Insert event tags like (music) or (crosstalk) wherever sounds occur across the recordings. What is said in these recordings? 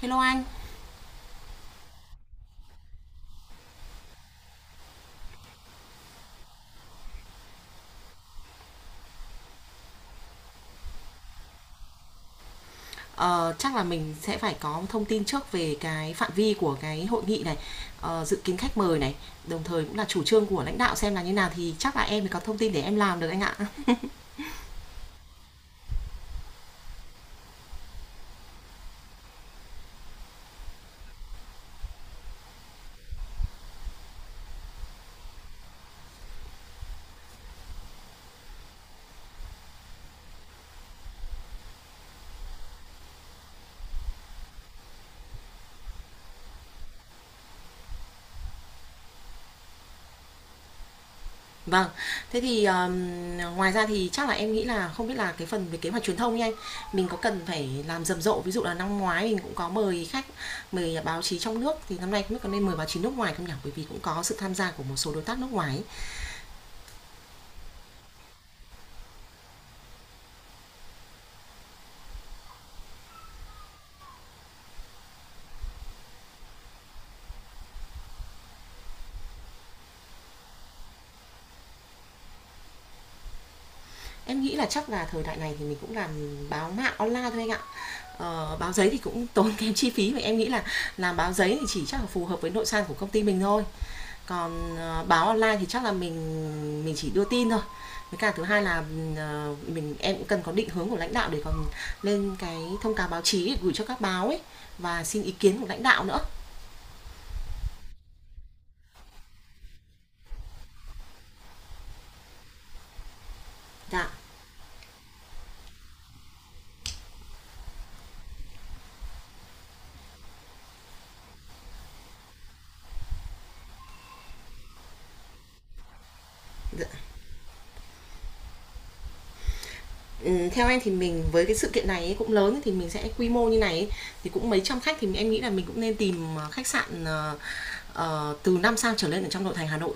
Hello anh, ờ, chắc là mình sẽ phải có thông tin trước về cái phạm vi của cái hội nghị này, dự kiến khách mời này, đồng thời cũng là chủ trương của lãnh đạo xem là như nào thì chắc là em mới có thông tin để em làm được anh ạ. (laughs) Vâng, thế thì ngoài ra thì chắc là em nghĩ là không biết là cái phần về kế hoạch truyền thông nha anh, mình có cần phải làm rầm rộ, ví dụ là năm ngoái mình cũng có mời khách, mời báo chí trong nước thì năm nay không biết có nên mời báo chí nước ngoài không nhỉ? Bởi vì cũng có sự tham gia của một số đối tác nước ngoài ấy. Em nghĩ là chắc là thời đại này thì mình cũng làm báo mạng online thôi anh ạ. Báo giấy thì cũng tốn (laughs) kém chi phí và em nghĩ là làm báo giấy thì chỉ chắc là phù hợp với nội san của công ty mình thôi. Còn, báo online thì chắc là mình chỉ đưa tin thôi. Với cả thứ hai là, mình em cũng cần có định hướng của lãnh đạo để còn lên cái thông cáo báo chí gửi cho các báo ấy và xin ý kiến của lãnh đạo nữa. Dạ. Dạ. Ừ, theo em thì mình với cái sự kiện này ấy, cũng lớn thì mình sẽ quy mô như này ấy, thì cũng mấy trăm khách thì em nghĩ là mình cũng nên tìm khách sạn từ 5 sao trở lên ở trong nội thành Hà Nội.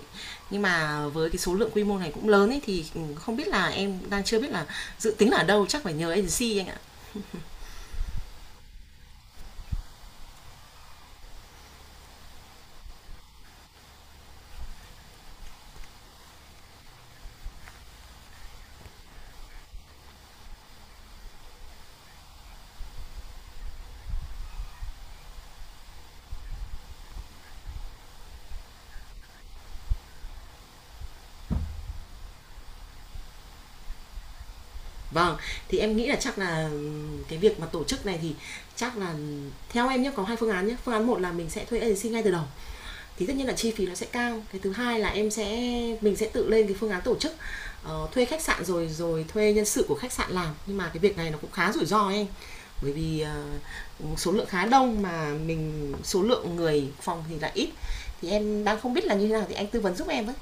Nhưng mà với cái số lượng quy mô này cũng lớn ấy thì không biết là em đang chưa biết là dự tính là ở đâu chắc phải nhờ agency anh ạ. Vâng, thì em nghĩ là chắc là cái việc mà tổ chức này thì chắc là theo em nhé có hai phương án nhé. Phương án một là mình sẽ thuê agency ngay từ đầu thì tất nhiên là chi phí nó sẽ cao cái thứ hai là em sẽ mình sẽ tự lên cái phương án tổ chức thuê khách sạn rồi rồi thuê nhân sự của khách sạn làm nhưng mà cái việc này nó cũng khá rủi ro ấy anh bởi vì số lượng khá đông mà mình số lượng người phòng thì lại ít thì em đang không biết là như thế nào thì anh tư vấn giúp em với.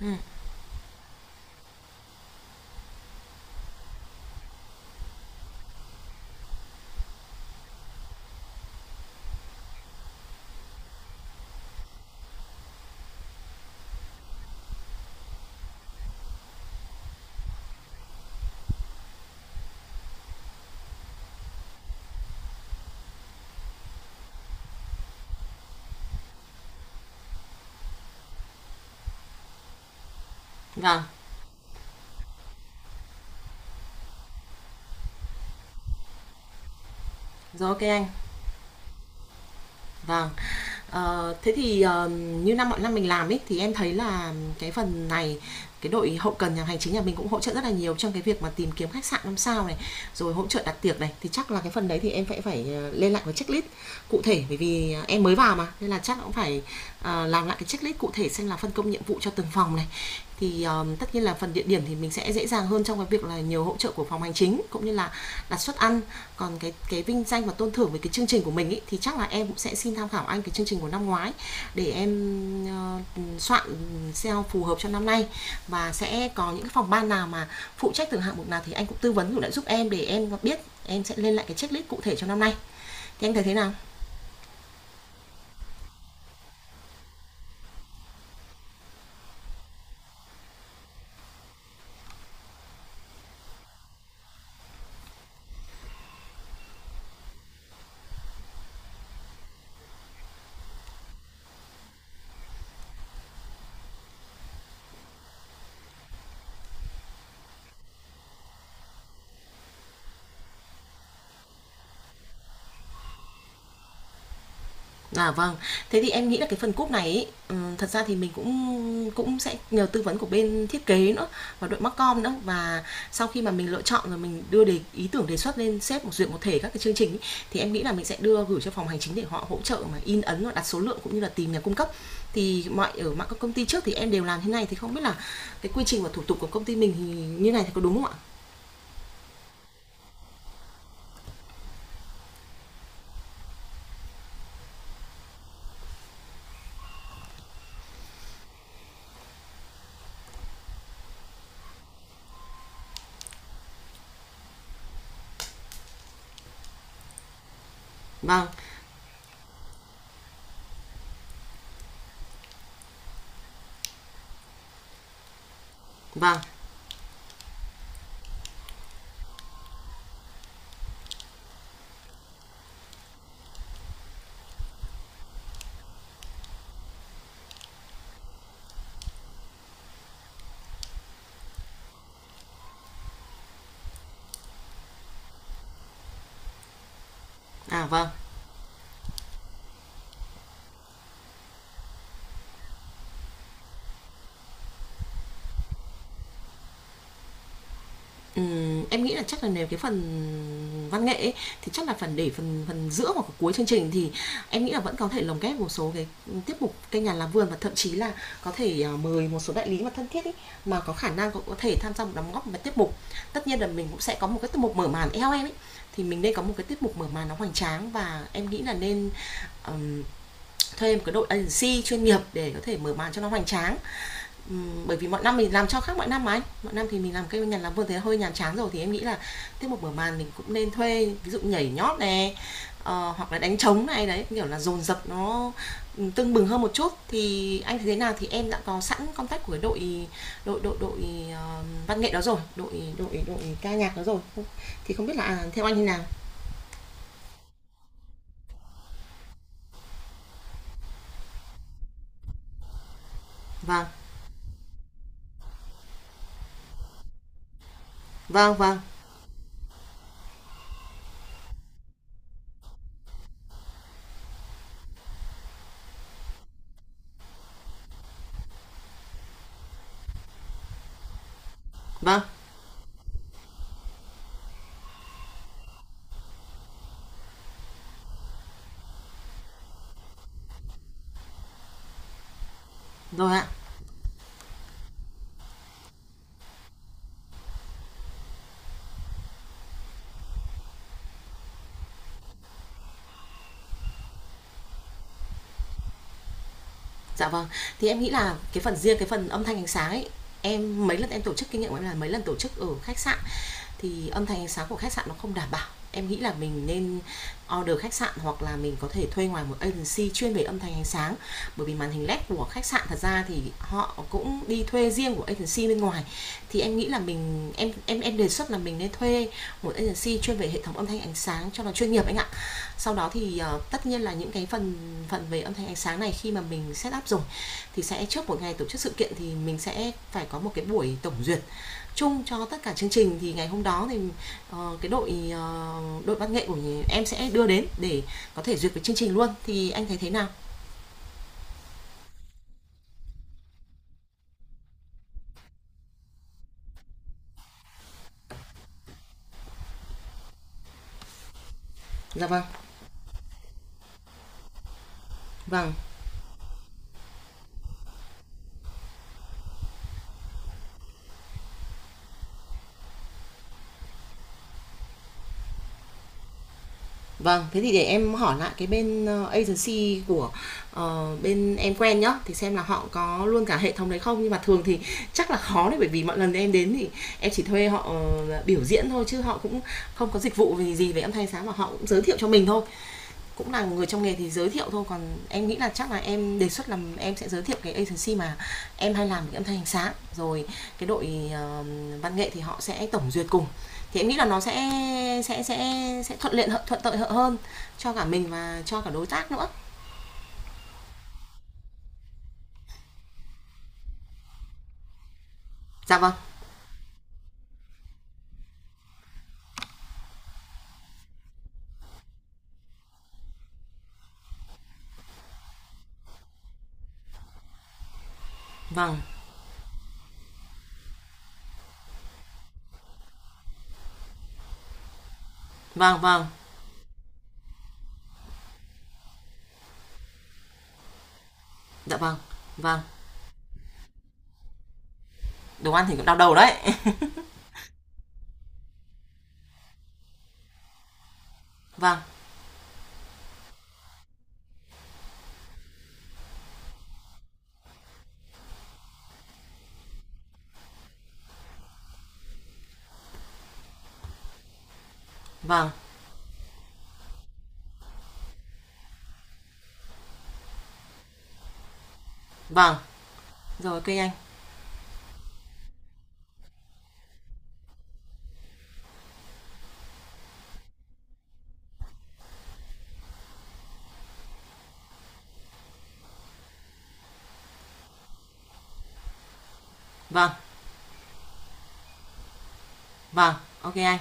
Ừ. Vâng. Rồi, ok anh. Vâng. Thế thì, như mọi năm mình làm ấy, thì em thấy là cái phần này, cái đội hậu cần nhà hành chính nhà mình cũng hỗ trợ rất là nhiều trong cái việc mà tìm kiếm khách sạn 5 sao này, rồi hỗ trợ đặt tiệc này, thì chắc là cái phần đấy thì em phải phải, lên lại cái checklist cụ thể, bởi vì, em mới vào mà, nên là chắc cũng phải, làm lại cái checklist cụ thể xem là phân công nhiệm vụ cho từng phòng này. Thì, tất nhiên là phần địa điểm thì mình sẽ dễ dàng hơn trong cái việc là nhiều hỗ trợ của phòng hành chính, cũng như là đặt suất ăn, còn cái vinh danh và tôn thưởng về cái chương trình của mình ý, thì chắc là em cũng sẽ xin tham khảo anh cái chương trình của năm ngoái để em ờ, soạn SEO phù hợp cho năm nay và sẽ có những cái phòng ban nào mà phụ trách từng hạng mục nào thì anh cũng tư vấn cũng lại giúp em để em biết em sẽ lên lại cái checklist cụ thể cho năm nay thì anh thấy thế nào. À, vâng. Thế thì em nghĩ là cái phần cúp này ấy, thật ra thì mình cũng cũng sẽ nhờ tư vấn của bên thiết kế nữa và đội MarCom nữa và sau khi mà mình lựa chọn rồi mình đưa đề ý tưởng đề xuất lên sếp một duyệt một thể các cái chương trình ấy, thì em nghĩ là mình sẽ đưa gửi cho phòng hành chính để họ hỗ trợ mà in ấn và đặt số lượng cũng như là tìm nhà cung cấp. Thì mọi ở mạng các công ty trước thì em đều làm thế này thì không biết là cái quy trình và thủ tục của công ty mình thì như này thì có đúng không ạ? Vâng. Vâng. À, vâng. Em nghĩ là chắc là nếu cái phần văn nghệ ấy, thì chắc là phần để phần phần giữa hoặc cuối chương trình thì em nghĩ là vẫn có thể lồng ghép một số cái tiết mục cây nhà làm vườn và thậm chí là có thể mời một số đại lý mà thân thiết ấy, mà có khả năng cũng có thể tham gia một đóng góp vào tiết mục. Tất nhiên là mình cũng sẽ có một cái tiết mục mở màn eo em ấy thì mình nên có một cái tiết mục mở màn nó hoành tráng và em nghĩ là nên ừm, thuê một cái đội agency chuyên nghiệp để có thể mở màn cho nó hoành tráng. Bởi vì mọi năm mình làm cho khác mọi năm mà anh. Mọi năm thì mình làm cây nhà làm vườn thì hơi nhàm chán rồi thì em nghĩ là tiết một mở màn mình cũng nên thuê, ví dụ nhảy nhót này hoặc là đánh trống này, đấy, kiểu là, dồn dập nó, tưng bừng hơn một chút. Thì anh thấy thế nào thì em đã có sẵn contact của đội đội đội đội, ờ, văn nghệ đó rồi, đội đội đội ca nhạc đó rồi, thì không biết là, theo anh như nào? Vâng, vâng, vâng, vâng, rồi ạ. Dạ vâng. Thì em nghĩ là cái phần riêng cái phần âm thanh ánh sáng ấy, em mấy lần em tổ chức kinh nghiệm của em là mấy lần tổ chức ở khách sạn thì âm thanh ánh sáng của khách sạn nó không đảm bảo, em nghĩ là mình nên order khách sạn hoặc là mình có thể thuê ngoài một agency chuyên về âm thanh ánh sáng bởi vì màn hình led của khách sạn thật ra thì họ cũng đi thuê riêng của agency bên ngoài thì em nghĩ là mình em đề xuất là mình nên thuê một agency chuyên về hệ thống âm thanh ánh sáng cho nó chuyên nghiệp anh ạ. Sau đó thì tất nhiên là những cái phần phần về âm thanh ánh sáng này khi mà mình set up rồi thì sẽ trước một ngày tổ chức sự kiện thì mình sẽ phải có một cái buổi tổng duyệt chung cho tất cả chương trình thì ngày hôm đó thì cái đội đội văn nghệ của em sẽ đưa đến để có thể duyệt với chương trình luôn thì anh thấy thế nào. Dạ vâng. Vâng, vâng, thế thì để em hỏi lại cái bên agency của bên em quen nhá thì xem là họ có luôn cả hệ thống đấy không nhưng mà thường thì chắc là khó đấy bởi vì mọi lần em đến thì em chỉ thuê họ biểu diễn thôi chứ họ cũng không có dịch vụ gì gì về âm thanh sáng mà họ cũng giới thiệu cho mình thôi cũng là người trong nghề thì giới thiệu thôi còn em nghĩ là chắc là em đề xuất là em sẽ giới thiệu cái agency mà em hay làm cái âm thanh ánh sáng rồi. Cái đội văn nghệ thì họ sẽ tổng duyệt cùng thì em nghĩ là nó sẽ sẽ sẽ thuận lợi hơn cho cả mình và cho cả đối tác nữa. Dạ, vâng, vâng, vâng, vâng. Dạ, vâng, vâng. Đồ ăn thì cũng đau đầu đấy. (laughs) Vâng, vâng, vâng. Rồi, ok anh. Vâng, vâng, ok anh.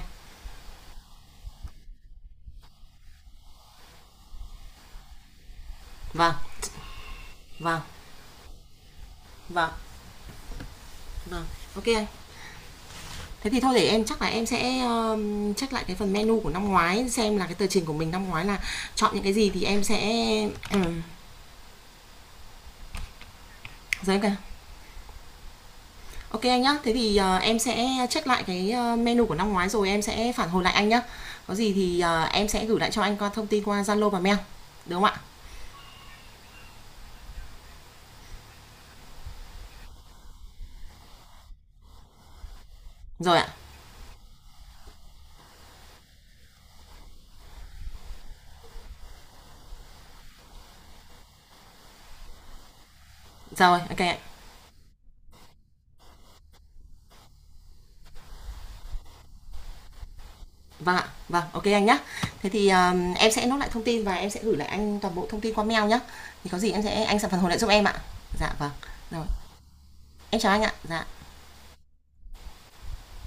Vâng, vâng, vâng, vâng, ok anh. Thế thì thôi để em chắc là em sẽ, check lại cái phần menu của năm ngoái xem là cái tờ trình của mình năm ngoái là chọn những cái gì thì em sẽ ừm, giấy kìa. Ok anh nhá. Thế thì, em sẽ check lại cái, menu của năm ngoái rồi em sẽ phản hồi lại anh nhá. Có gì thì, em sẽ gửi lại cho anh qua thông tin qua Zalo và mail, được không ạ? Rồi ạ. Rồi, ok ạ. Vâng ạ. Vâng, ok anh nhá. Thế thì, em sẽ nốt lại thông tin và em sẽ gửi lại anh toàn bộ thông tin qua mail nhá. Thì có gì em sẽ anh sẽ phản hồi lại giúp em ạ. Dạ vâng. Rồi, em chào anh ạ. Dạ.